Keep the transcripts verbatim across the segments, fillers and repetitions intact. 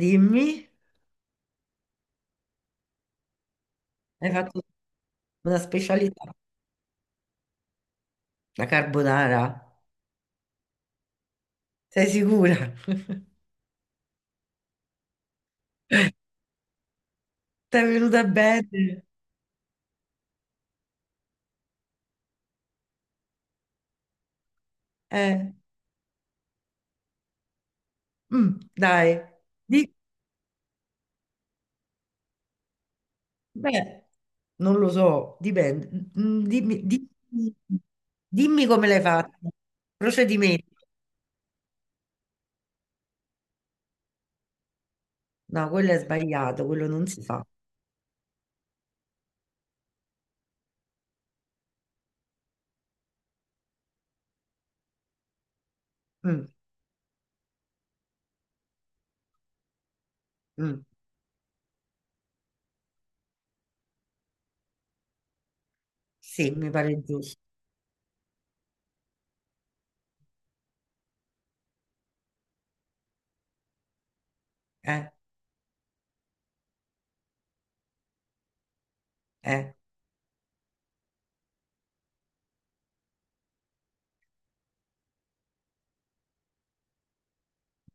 Dimmi, hai fatto una specialità, la carbonara? Sei sicura? Ti è venuta bene? Eh, mm, dai. Di- Beh, non lo so, dipende. Mm, Dimmi, dimmi, dimmi come l'hai fatta. Procedimento. No, quello è sbagliato, quello non si fa. Mm, mm, sì, mi pare giusto. Eh, eh.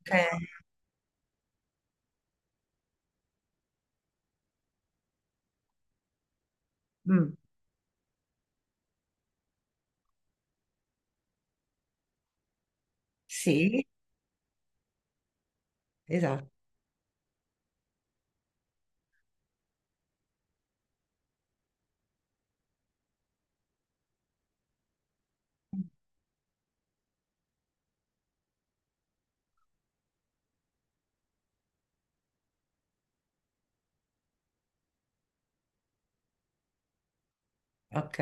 Ok, mm, sì, esatto. Ok,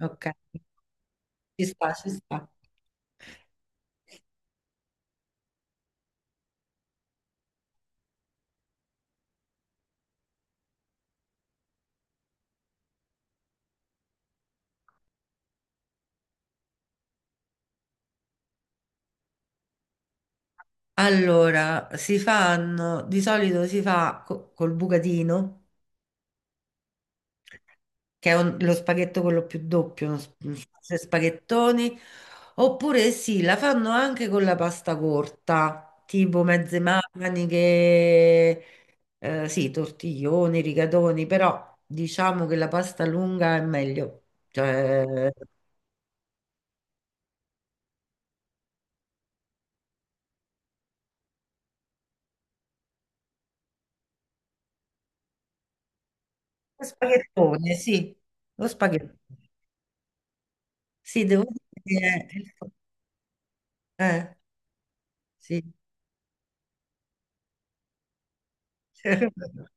ok. Ci sta, ci sta. Allora, si fanno, di solito si fa co- col bucatino, che è un- lo spaghetto quello più doppio, uno sp- un spazio di spaghettoni, oppure sì, la fanno anche con la pasta corta, tipo mezze maniche, eh, sì, tortiglioni, rigatoni, però diciamo che la pasta lunga è meglio. Cioè, lo spaghettone, sì, lo spaghettone. Sì, devo dire che è- eh, sì.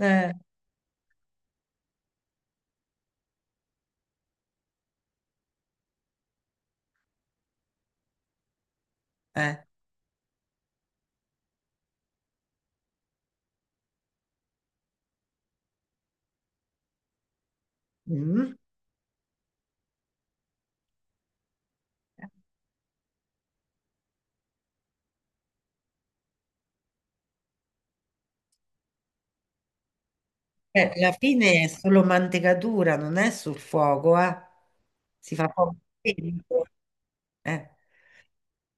Eh, eh. Mm. Eh, alla fine è solo mantecatura, non è sul fuoco, eh. Si fa fuoco spento. Eh.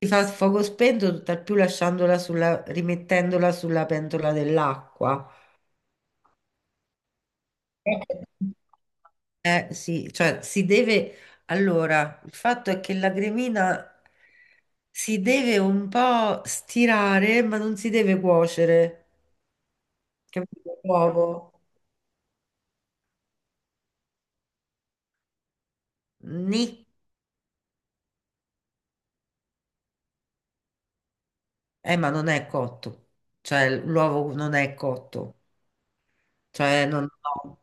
Si fa fuoco spento, tutt'al più lasciandola sulla, rimettendola sulla pentola dell'acqua. Eh sì, cioè si deve. Allora, il fatto è che la cremina si deve un po' stirare, ma non si deve cuocere. Capito? L'uovo. Nì. Eh, ma non è cotto, cioè l'uovo non è cotto, cioè non no.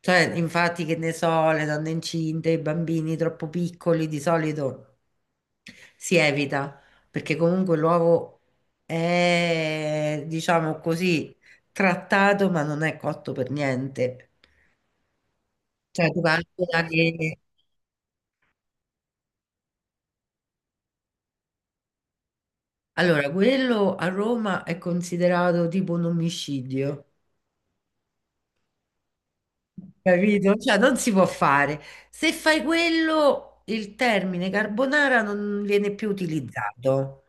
Cioè, infatti, che ne so, le donne incinte, i bambini troppo piccoli di solito si evita, perché comunque l'uovo è, diciamo così, trattato, ma non è cotto per niente. Cioè, tu calcola che. Allora, quello a Roma è considerato tipo un omicidio. Capito? Cioè, non si può fare. Se fai quello, il termine carbonara non viene più utilizzato.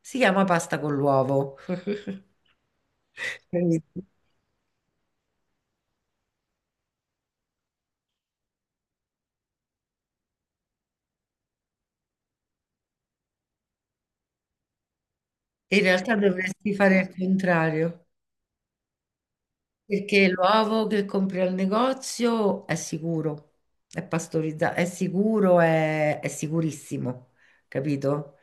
Si chiama pasta con l'uovo. Capito? In realtà dovresti fare il contrario. Perché l'uovo che compri al negozio è sicuro, è pastorizzato, è sicuro, è, è sicurissimo, capito?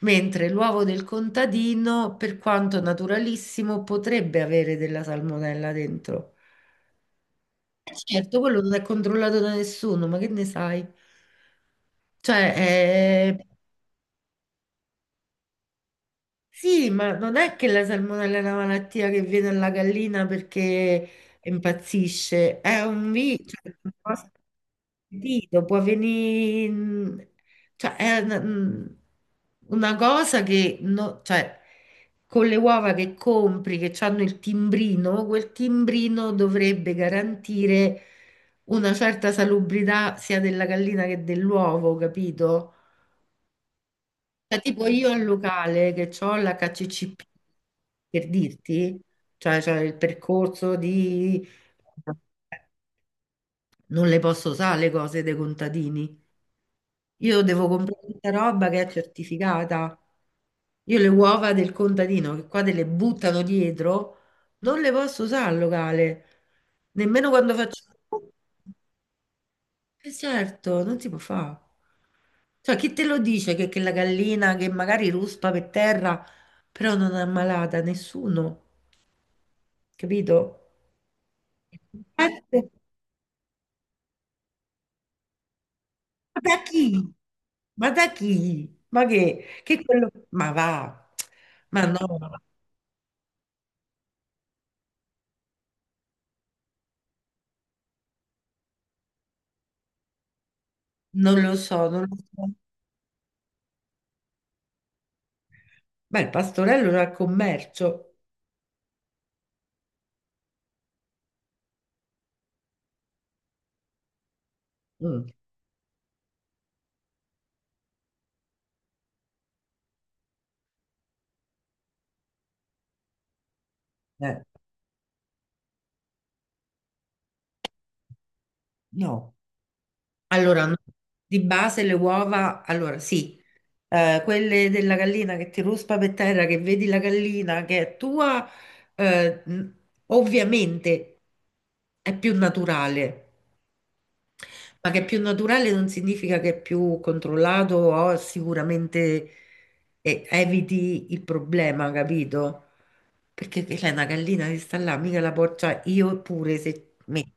Mentre l'uovo del contadino, per quanto naturalissimo, potrebbe avere della salmonella dentro. Eh, Certo, quello non è controllato da nessuno, ma che ne sai? Cioè, eh, sì, ma non è che la salmonella è una malattia che viene alla gallina perché impazzisce, è un virus. Capito? Può venire, cioè, è una, una cosa che, no- cioè, con le uova che compri, che hanno il timbrino, quel timbrino dovrebbe garantire una certa salubrità sia della gallina che dell'uovo, capito? Cioè, tipo io al locale che ho l'H C C P, per dirti, cioè, c'è il percorso di. Non le posso usare le cose dei contadini. Io devo comprare tutta roba che è certificata. Io le uova del contadino che qua te le buttano dietro, non le posso usare al locale, nemmeno quando faccio. Eh, certo, non si può fare. Cioè, chi te lo dice che, che la gallina che magari ruspa per terra, però non è ammalata? Nessuno, capito? Eh, Ma da chi? Ma da chi? Ma che? Che quello. Ma va, ma no. Non lo so, non lo so. Beh, il pastorello era il commercio. Mm, eh, no. Allora, no. Di base le uova, allora sì, eh, quelle della gallina che ti ruspa per terra, che vedi la gallina che è tua, eh, mh, ovviamente è più naturale. Ma che è più naturale non significa che è più controllato o sicuramente eh, eviti il problema, capito? Perché che c'è una gallina che sta là, mica la porcia io pure se me.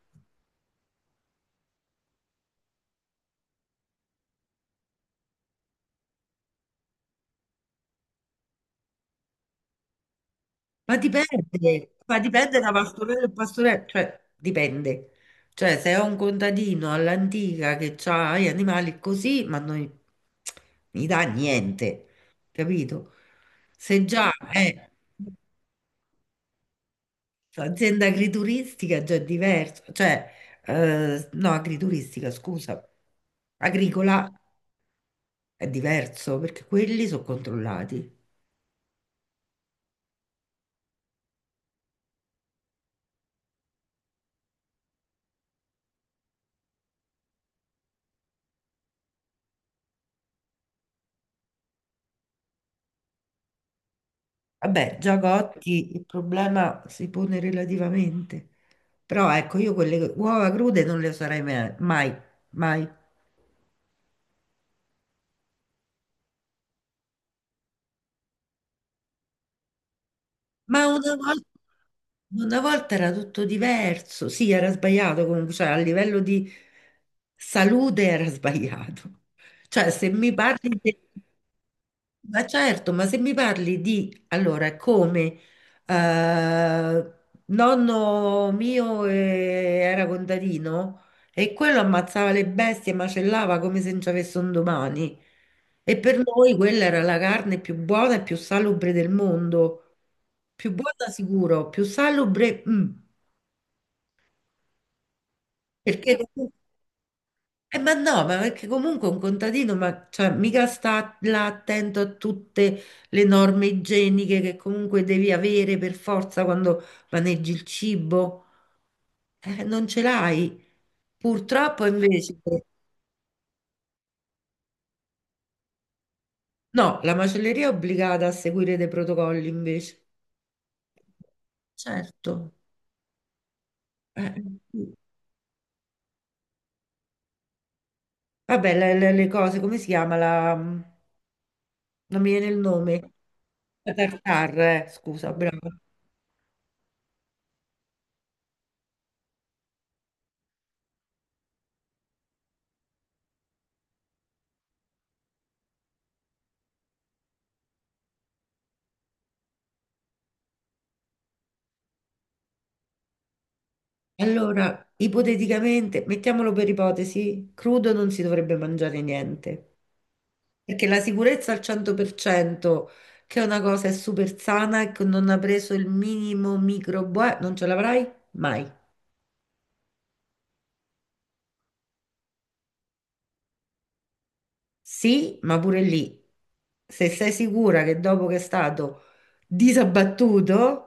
Ma dipende, ma dipende da pastorello e pastorello, cioè dipende. Cioè se è un contadino all'antica che ha gli animali così, ma non gli gli dà niente, capito? Se già è azienda agrituristica già è diverso, cioè eh, no, agrituristica, scusa, agricola è diverso perché quelli sono controllati. Vabbè, già Gotti il problema si pone relativamente. Però ecco, io quelle uova crude non le userei mai, mai, mai. Ma una volta, una volta era tutto diverso. Sì, era sbagliato comunque, cioè a livello di salute era sbagliato. Cioè, se mi parli. Ma certo, ma se mi parli di allora come eh, nonno mio eh, era contadino e quello ammazzava le bestie, macellava come se non ci avesse un domani. E per noi quella era la carne più buona e più salubre del mondo. Più buona sicuro, più salubre, mm, perché. Eh, ma no, ma perché comunque un contadino, ma cioè, mica sta là attento a tutte le norme igieniche che comunque devi avere per forza quando maneggi il cibo. Eh, non ce l'hai. Purtroppo invece. No, la macelleria è obbligata a seguire dei protocolli invece. Certo. Eh, sì. Vabbè, le, le- le cose, come si chiama la, non mi viene il nome. La tartar, eh, scusa, bravo. Allora, ipoteticamente, mettiamolo per ipotesi, crudo non si dovrebbe mangiare niente, perché la sicurezza al cento per cento, che è una cosa è super sana e che non ha preso il minimo microbo, eh, non ce l'avrai mai. Sì, ma pure lì, se sei sicura che dopo che è stato disabbattuto,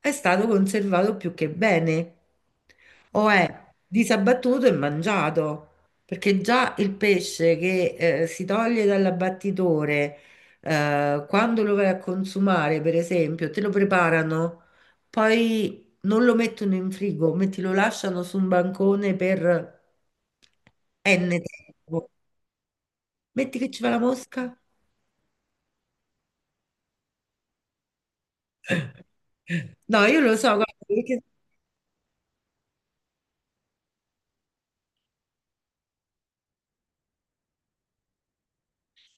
è stato conservato più che bene, o è disabbattuto e mangiato, perché già il pesce che eh, si toglie dall'abbattitore, eh, quando lo vai a consumare, per esempio, te lo preparano, poi non lo mettono in frigo, metti, lo lasciano su un bancone per enne tempo. Metti che ci va la mosca? No, io lo so, guarda, perché-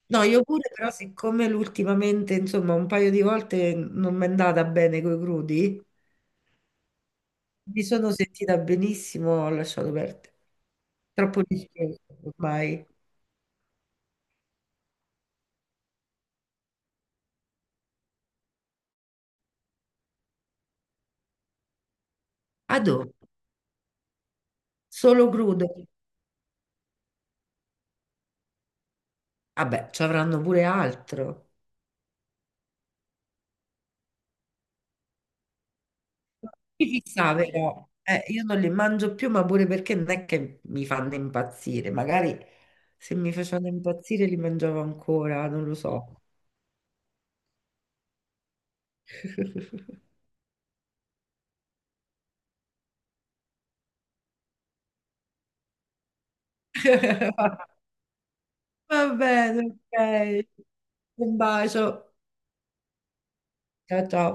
no, io pure, però siccome l'ultimamente, insomma, un paio di volte non mi è andata bene coi crudi, mi sono sentita benissimo, ho lasciato perdere. Troppo rischioso ormai. Adò, solo crudo. Vabbè, ci avranno pure altro. Mi fissa, però, eh, io non li mangio più, ma pure perché non è che mi fanno impazzire. Magari se mi facevano impazzire li mangiavo ancora, non lo so. Va bene, ok. Un bacio. Ciao ciao.